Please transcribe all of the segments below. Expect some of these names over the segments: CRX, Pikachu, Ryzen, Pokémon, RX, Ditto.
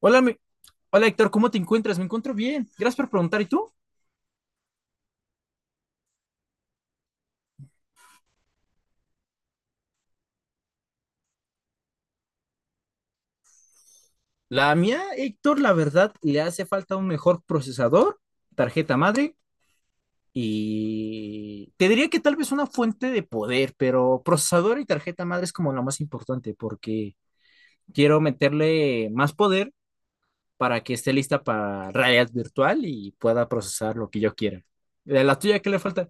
Hola, mi- Hola, Héctor, ¿cómo te encuentras? Me encuentro bien. Gracias por preguntar. ¿Y tú? La mía, Héctor, la verdad, le hace falta un mejor procesador, tarjeta madre, y te diría que tal vez una fuente de poder, pero procesador y tarjeta madre es como lo más importante, porque quiero meterle más poder para que esté lista para realidad virtual y pueda procesar lo que yo quiera. ¿De la tuya qué le falta?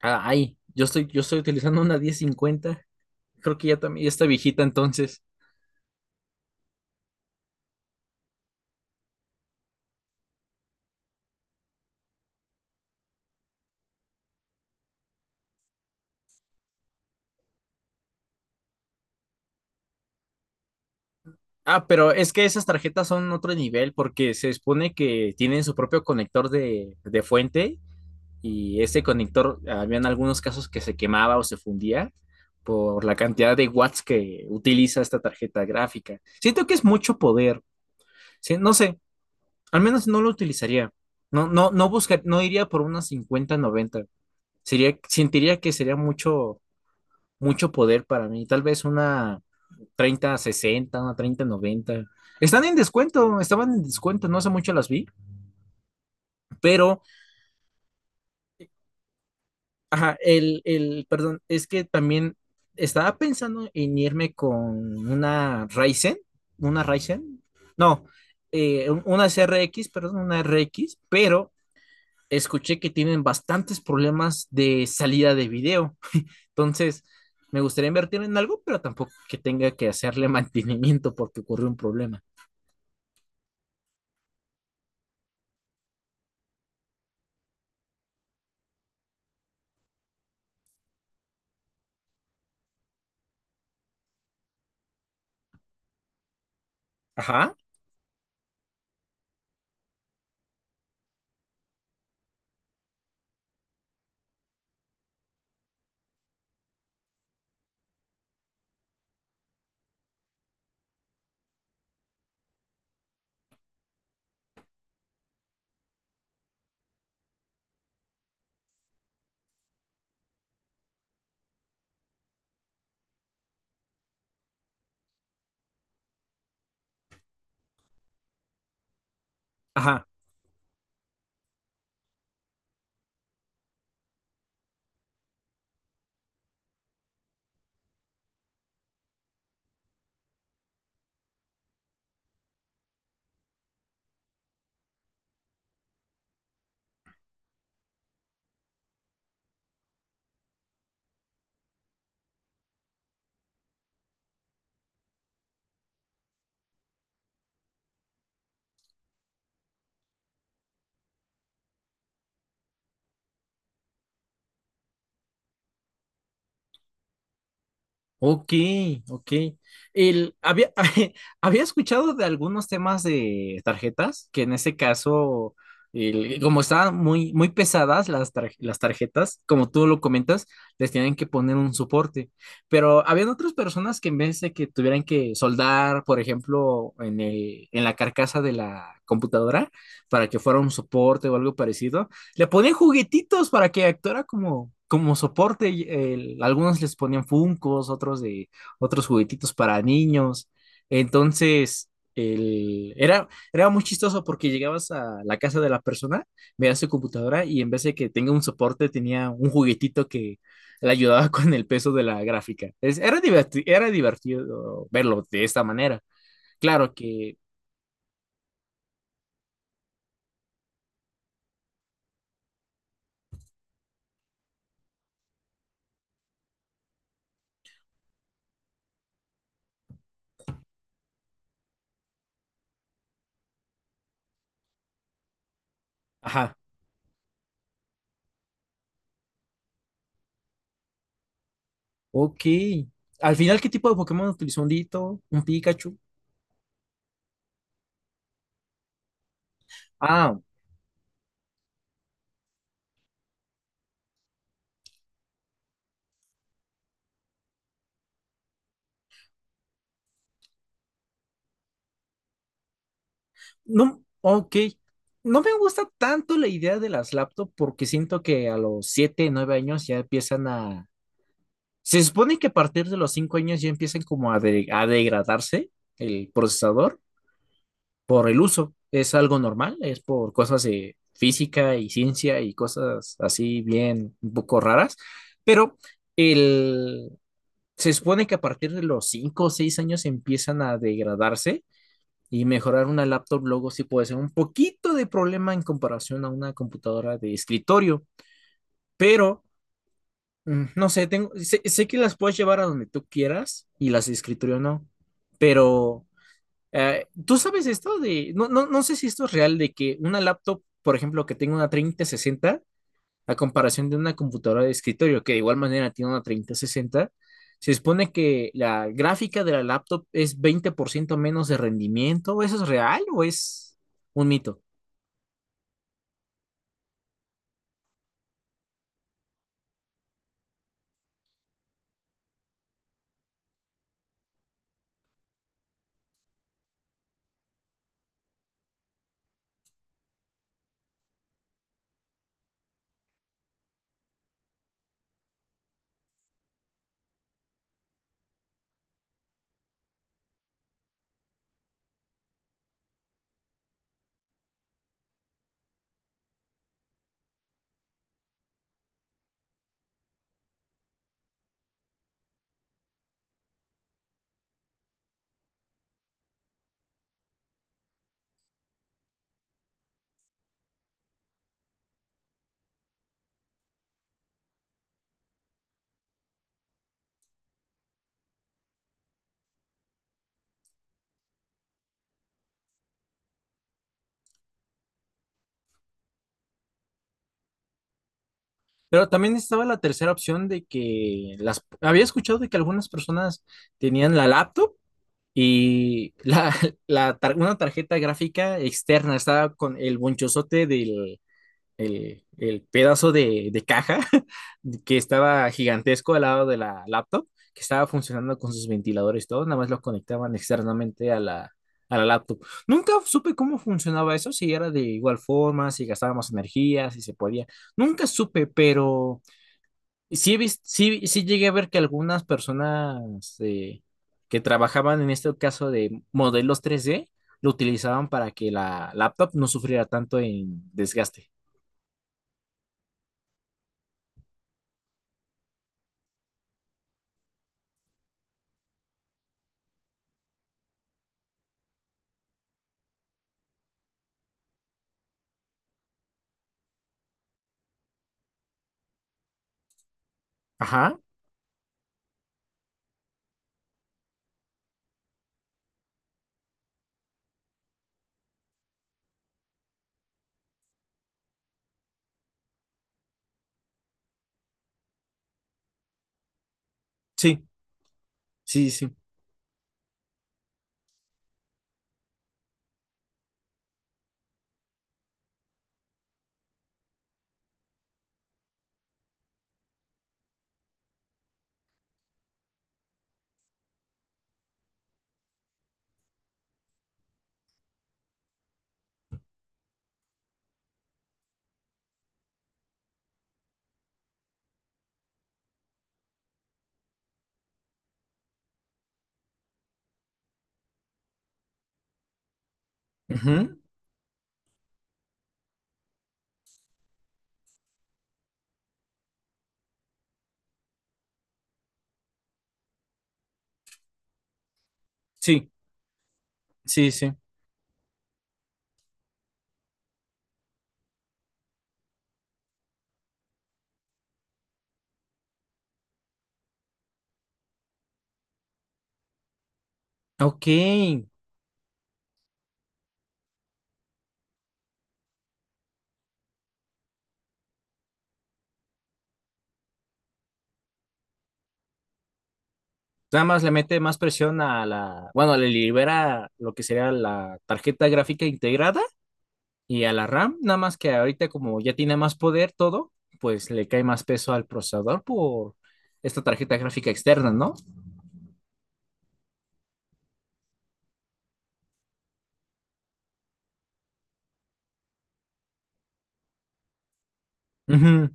Ah, ahí, yo estoy utilizando una 1050. Creo que ya también ya está viejita entonces. Ah, pero es que esas tarjetas son otro nivel porque se supone que tienen su propio conector de fuente, y ese conector, habían algunos casos que se quemaba o se fundía por la cantidad de watts que utiliza esta tarjeta gráfica. Siento que es mucho poder. Sí, no sé, al menos no lo utilizaría. No, no, no iría por una 5090. Sentiría que sería mucho, mucho poder para mí. Tal vez una 30, 60 una 30, 90. Están en descuento, estaban en descuento, no hace mucho las vi, pero, ajá, perdón, es que también estaba pensando en irme con una Ryzen, una Ryzen, no, una CRX, perdón, una RX, pero escuché que tienen bastantes problemas de salida de video. Entonces, me gustaría invertir en algo, pero tampoco que tenga que hacerle mantenimiento porque ocurrió un problema. Ajá, ajá. Ok, ok. El, había, Había escuchado de algunos temas de tarjetas, que en ese caso, como estaban muy, muy pesadas las tarjetas, como tú lo comentas, les tienen que poner un soporte. Pero habían otras personas que en vez de que tuvieran que soldar, por ejemplo, en la carcasa de la computadora, para que fuera un soporte o algo parecido, le ponían juguetitos para que actuara como soporte. Y, algunos les ponían funcos, otros juguetitos para niños. Entonces, era muy chistoso porque llegabas a la casa de la persona, veías su computadora y en vez de que tenga un soporte, tenía un juguetito que le ayudaba con el peso de la gráfica. Era divertido verlo de esta manera. Claro que, ajá, ok. Al final, ¿qué tipo de Pokémon utilizó? ¿Un Ditto? ¿Un Pikachu? Ah, no, ok. No me gusta tanto la idea de las laptops porque siento que a los 7, 9 años ya empiezan a... Se supone que a partir de los 5 años ya empiezan como a degradarse el procesador por el uso. Es algo normal, es por cosas de física y ciencia y cosas así bien un poco raras, pero el... se supone que a partir de los 5 o 6 años empiezan a degradarse. Y mejorar una laptop luego sí puede ser un poquito de problema en comparación a una computadora de escritorio, pero no sé, sé que las puedes llevar a donde tú quieras y las de escritorio no, pero ¿tú sabes esto de, no, no, no sé si esto es real, de que una laptop, por ejemplo, que tenga una 3060 a comparación de una computadora de escritorio, que de igual manera tiene una 3060, se supone que la gráfica de la laptop es 20% menos de rendimiento? ¿Eso es real o es un mito? Pero también estaba la tercera opción de que las... Había escuchado de que algunas personas tenían la laptop y una tarjeta gráfica externa estaba con el bonchozote del, el pedazo de caja que estaba gigantesco al lado de la laptop, que estaba funcionando con sus ventiladores y todo, nada más lo conectaban externamente a la laptop. Nunca supe cómo funcionaba eso, si era de igual forma, si gastaba más energía, si se podía. Nunca supe, pero sí, sí, sí llegué a ver que algunas personas que trabajaban en este caso de modelos 3D lo utilizaban para que la laptop no sufriera tanto en desgaste. Ajá. Sí, sí, sí. Ujú. Sí, sí, sí. Ok. Nada más le mete más presión bueno, le libera lo que sería la tarjeta gráfica integrada y a la RAM, nada más que ahorita como ya tiene más poder todo, pues le cae más peso al procesador por esta tarjeta gráfica externa, ¿no? Ujú.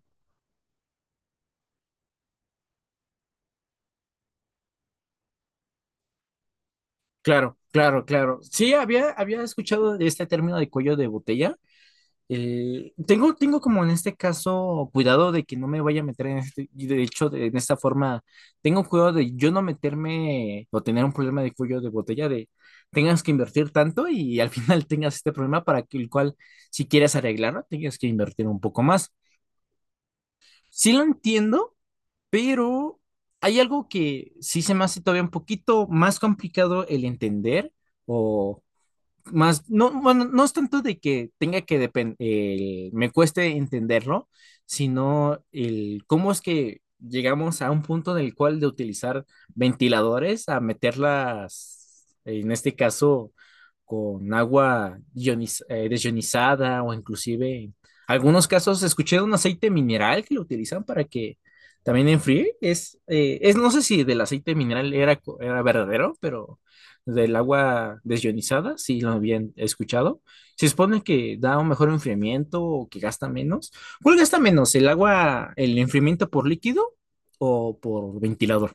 Claro, claro, claro. Sí, había escuchado de este término de cuello de botella. Tengo como en este caso cuidado de que no me vaya a meter en este, y de hecho, en esta forma, tengo cuidado de yo no meterme o tener un problema de cuello de botella de tengas que invertir tanto y al final tengas este problema para que el cual, si quieres arreglarlo, tengas que invertir un poco más. Sí lo entiendo, pero hay algo que sí se me hace todavía un poquito más complicado el entender o más, no, bueno, no es tanto de que tenga que depender, me cueste entenderlo, sino el cómo es que llegamos a un punto en el cual de utilizar ventiladores a meterlas, en este caso, con agua desionizada o inclusive en algunos casos escuché de un aceite mineral que lo utilizan para que también enfríe. Es no sé si del aceite mineral era verdadero, pero del agua desionizada, sí lo habían escuchado. Se supone que da un mejor enfriamiento o que gasta menos. ¿Cuál gasta menos? ¿El agua, el enfriamiento por líquido o por ventilador?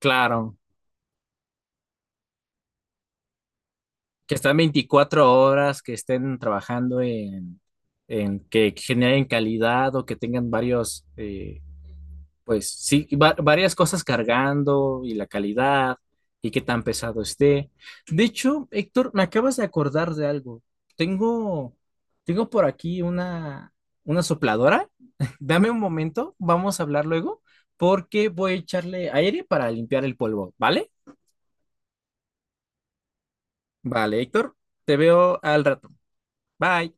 Claro, que están 24 horas, que estén trabajando en que generen calidad o que tengan varios, pues sí, varias cosas cargando y la calidad y qué tan pesado esté. De hecho, Héctor, me acabas de acordar de algo. Tengo, tengo por aquí una sopladora. Dame un momento, vamos a hablar luego, porque voy a echarle aire para limpiar el polvo, ¿vale? Vale, Héctor, te veo al rato. Bye.